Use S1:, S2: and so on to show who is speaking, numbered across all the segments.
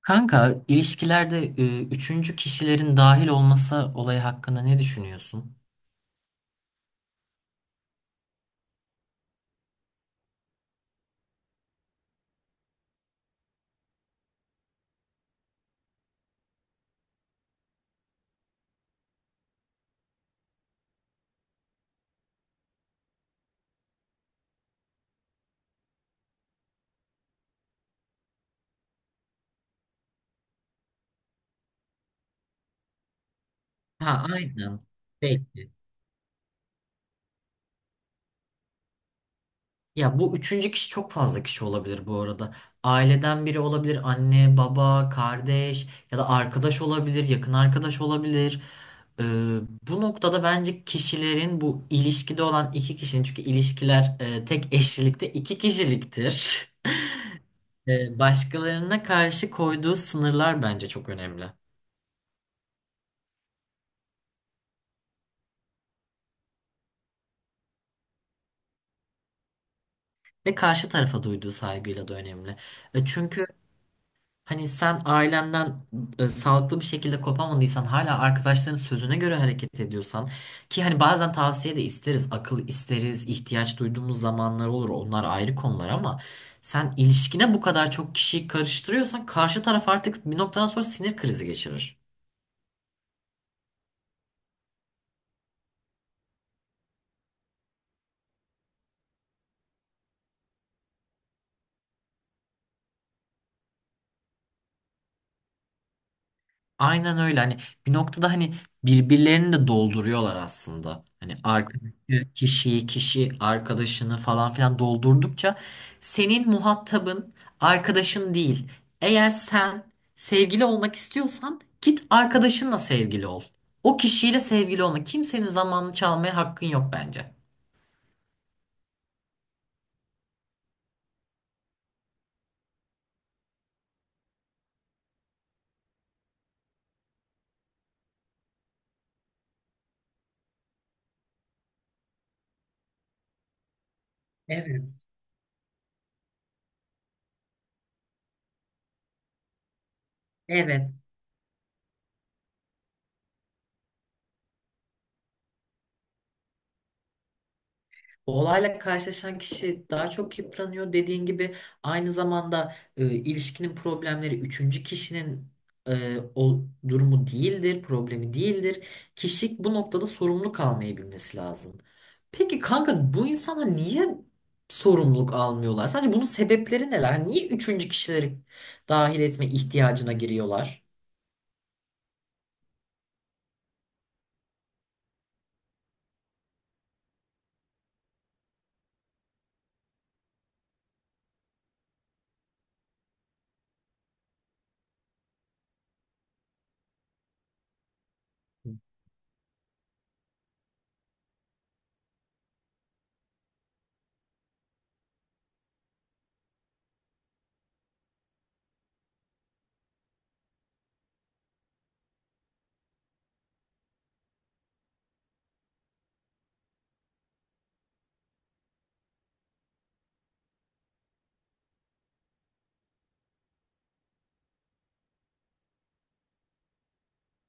S1: Kanka, ilişkilerde üçüncü kişilerin dahil olması olayı hakkında ne düşünüyorsun? Ha, aynen. Belki. Ya bu üçüncü kişi çok fazla kişi olabilir bu arada. Aileden biri olabilir, anne, baba, kardeş ya da arkadaş olabilir, yakın arkadaş olabilir. E, Bu noktada bence kişilerin bu ilişkide olan iki kişinin, çünkü ilişkiler tek eşlilikte iki kişiliktir. Başkalarına karşı koyduğu sınırlar bence çok önemli. Ve karşı tarafa duyduğu saygıyla da önemli. Çünkü hani sen ailenden sağlıklı bir şekilde kopamadıysan, hala arkadaşların sözüne göre hareket ediyorsan, ki hani bazen tavsiye de isteriz, akıl isteriz, ihtiyaç duyduğumuz zamanlar olur. Onlar ayrı konular ama sen ilişkine bu kadar çok kişiyi karıştırıyorsan karşı taraf artık bir noktadan sonra sinir krizi geçirir. Aynen öyle. Hani bir noktada hani birbirlerini de dolduruyorlar aslında. Hani arkadaki kişiyi, kişi arkadaşını falan filan doldurdukça senin muhatabın arkadaşın değil. Eğer sen sevgili olmak istiyorsan git arkadaşınla sevgili ol. O kişiyle sevgili olma. Kimsenin zamanını çalmaya hakkın yok bence. Evet. Evet. Olayla karşılaşan kişi daha çok yıpranıyor. Dediğin gibi aynı zamanda ilişkinin problemleri üçüncü kişinin o durumu değildir, problemi değildir. Kişi bu noktada sorumlu kalmayı bilmesi lazım. Peki kanka bu insanlar niye sorumluluk almıyorlar? Sadece bunun sebepleri neler? Niye üçüncü kişileri dahil etme ihtiyacına giriyorlar?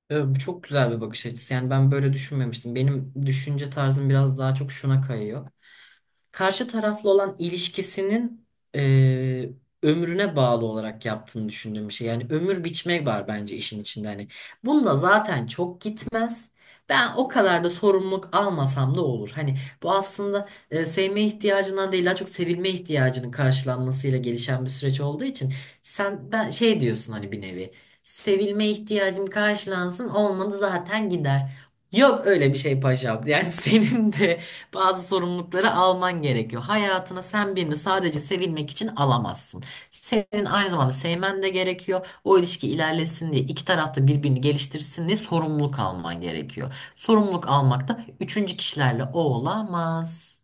S1: Evet, bu çok güzel bir bakış açısı. Yani ben böyle düşünmemiştim. Benim düşünce tarzım biraz daha çok şuna kayıyor: karşı taraflı olan ilişkisinin eee, ömrüne bağlı olarak yaptığını düşündüğüm bir şey. Yani ömür biçmek var bence işin içinde. Hani bununla zaten çok gitmez. Ben o kadar da sorumluluk almasam da olur. Hani bu aslında sevme ihtiyacından değil, daha çok sevilme ihtiyacının karşılanmasıyla gelişen bir süreç olduğu için sen ben şey diyorsun, hani bir nevi sevilme ihtiyacım karşılansın, olmadı zaten gider. Yok öyle bir şey paşam. Yani senin de bazı sorumlulukları alman gerekiyor. Hayatını sen birini sadece sevilmek için alamazsın. Senin aynı zamanda sevmen de gerekiyor. O ilişki ilerlesin diye, iki taraf da birbirini geliştirsin diye sorumluluk alman gerekiyor. Sorumluluk almak da üçüncü kişilerle o olamaz.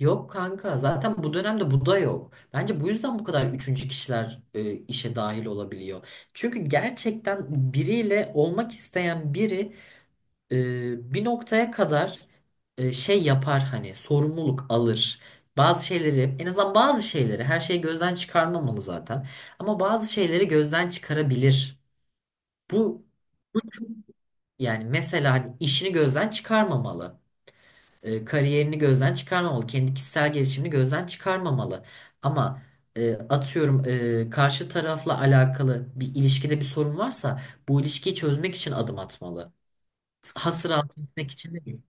S1: Yok kanka, zaten bu dönemde bu da yok. Bence bu yüzden bu kadar üçüncü kişiler işe dahil olabiliyor. Çünkü gerçekten biriyle olmak isteyen biri bir noktaya kadar şey yapar, hani sorumluluk alır. Bazı şeyleri, en azından bazı şeyleri, her şeyi gözden çıkarmamalı zaten. Ama bazı şeyleri gözden çıkarabilir. Bu bu yani mesela hani işini gözden çıkarmamalı. Kariyerini gözden çıkarmamalı. Kendi kişisel gelişimini gözden çıkarmamalı. Ama atıyorum, karşı tarafla alakalı bir ilişkide bir sorun varsa bu ilişkiyi çözmek için adım atmalı. Hasır altı etmek için değil.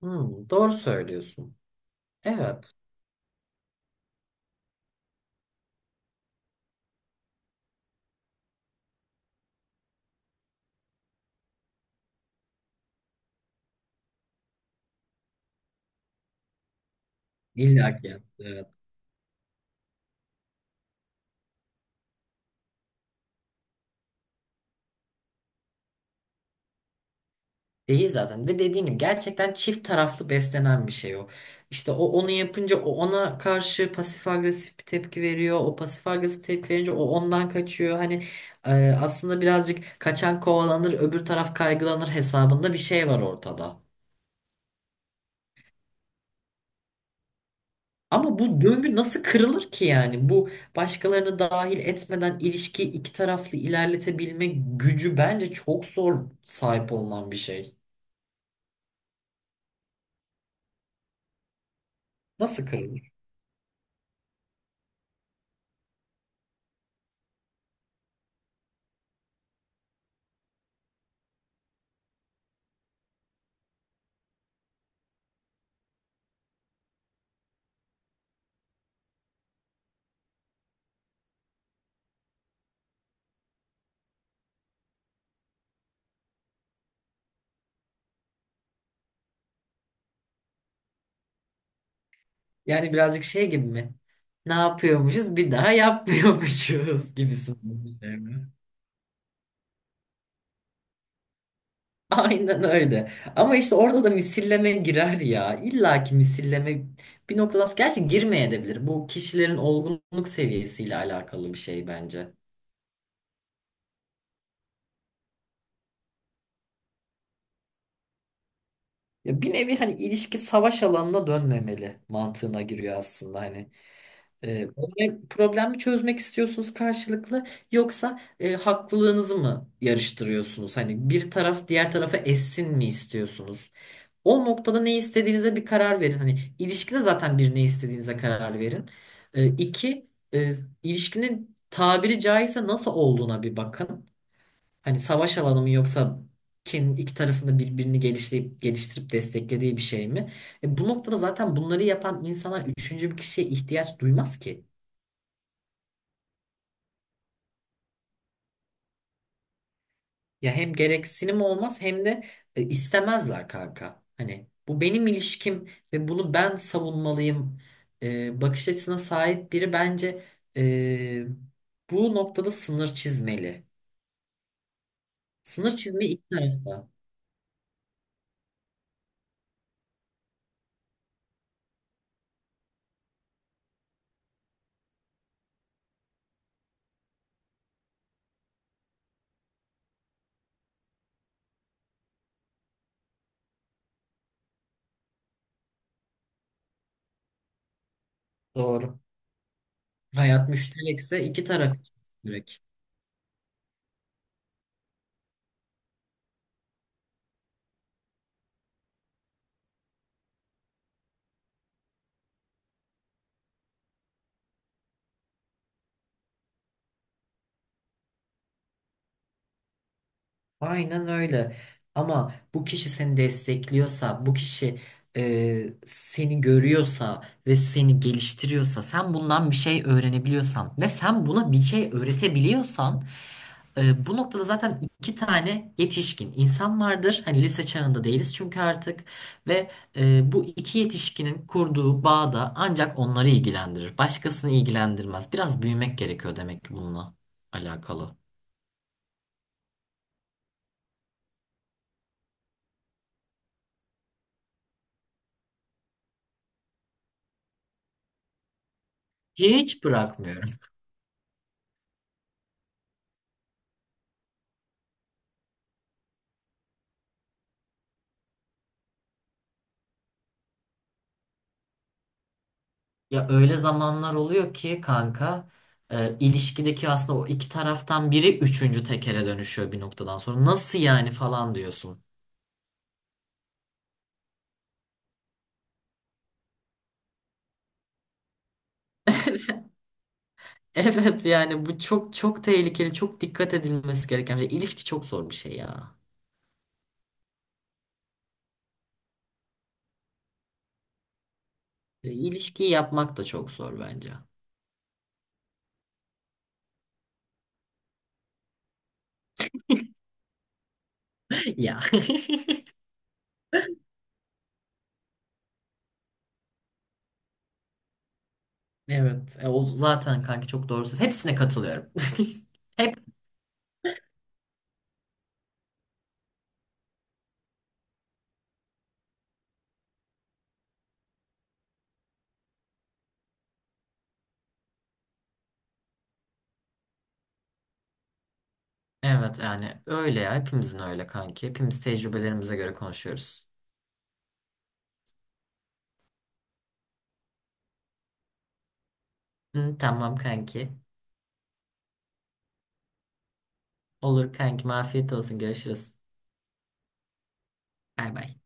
S1: Hmm, doğru söylüyorsun. Evet. İlla ki. Evet. Değil zaten. Ve dediğin gibi gerçekten çift taraflı beslenen bir şey o. İşte o onu yapınca o ona karşı pasif agresif bir tepki veriyor. O pasif agresif tepki verince o ondan kaçıyor. Hani aslında birazcık kaçan kovalanır, öbür taraf kaygılanır hesabında bir şey var ortada. Ama bu döngü nasıl kırılır ki yani? Bu, başkalarını dahil etmeden ilişkiyi iki taraflı ilerletebilme gücü bence çok zor sahip olunan bir şey. Nasıl kırılır? Yani birazcık şey gibi mi? Ne yapıyormuşuz bir daha yapmıyormuşuz gibisin. Değil mi? Aynen öyle. Ama işte orada da misilleme girer ya. İlla ki misilleme, bir noktadan sonra gerçi girmeyebilir. Bu kişilerin olgunluk seviyesiyle alakalı bir şey bence. Ya bir nevi hani ilişki savaş alanına dönmemeli mantığına giriyor aslında hani. Problemi çözmek istiyorsunuz karşılıklı, yoksa haklılığınızı mı yarıştırıyorsunuz? Hani bir taraf diğer tarafa essin mi istiyorsunuz? O noktada ne istediğinize bir karar verin. Hani ilişkide zaten bir ne istediğinize karar verin. E, iki, e, ilişkinin tabiri caizse nasıl olduğuna bir bakın. Hani savaş alanı mı, yoksa kendi iki tarafında birbirini geliştirip, geliştirip desteklediği bir şey mi? Bu noktada zaten bunları yapan insanlar üçüncü bir kişiye ihtiyaç duymaz ki. Ya hem gereksinim olmaz, hem de istemezler kanka. Hani bu benim ilişkim ve bunu ben savunmalıyım bakış açısına sahip biri bence e, bu noktada sınır çizmeli. Sınır çizmeyi iki tarafta. Doğru. Hayat müşterekse iki taraf için müşterek. Aynen öyle. Ama bu kişi seni destekliyorsa, bu kişi seni görüyorsa ve seni geliştiriyorsa, sen bundan bir şey öğrenebiliyorsan ve sen buna bir şey öğretebiliyorsan, bu noktada zaten iki tane yetişkin insan vardır. Hani lise çağında değiliz çünkü artık. Ve bu iki yetişkinin kurduğu bağ da ancak onları ilgilendirir. Başkasını ilgilendirmez. Biraz büyümek gerekiyor demek ki bununla alakalı. Hiç bırakmıyorum. Ya öyle zamanlar oluyor ki kanka, ilişkideki aslında o iki taraftan biri üçüncü tekere dönüşüyor bir noktadan sonra. Nasıl yani falan diyorsun. Evet yani bu çok çok tehlikeli, çok dikkat edilmesi gereken bir şey. İlişki çok zor bir şey ya. İlişkiyi yapmak da çok zor bence. Ya. Evet, o zaten kanka çok doğru söylüyorsun. Hepsine katılıyorum. Hep evet yani, öyle ya, hepimizin öyle kanki. Hepimiz tecrübelerimize göre konuşuyoruz. Hı, tamam kanki. Olur kankim, afiyet olsun, görüşürüz. Bay bay.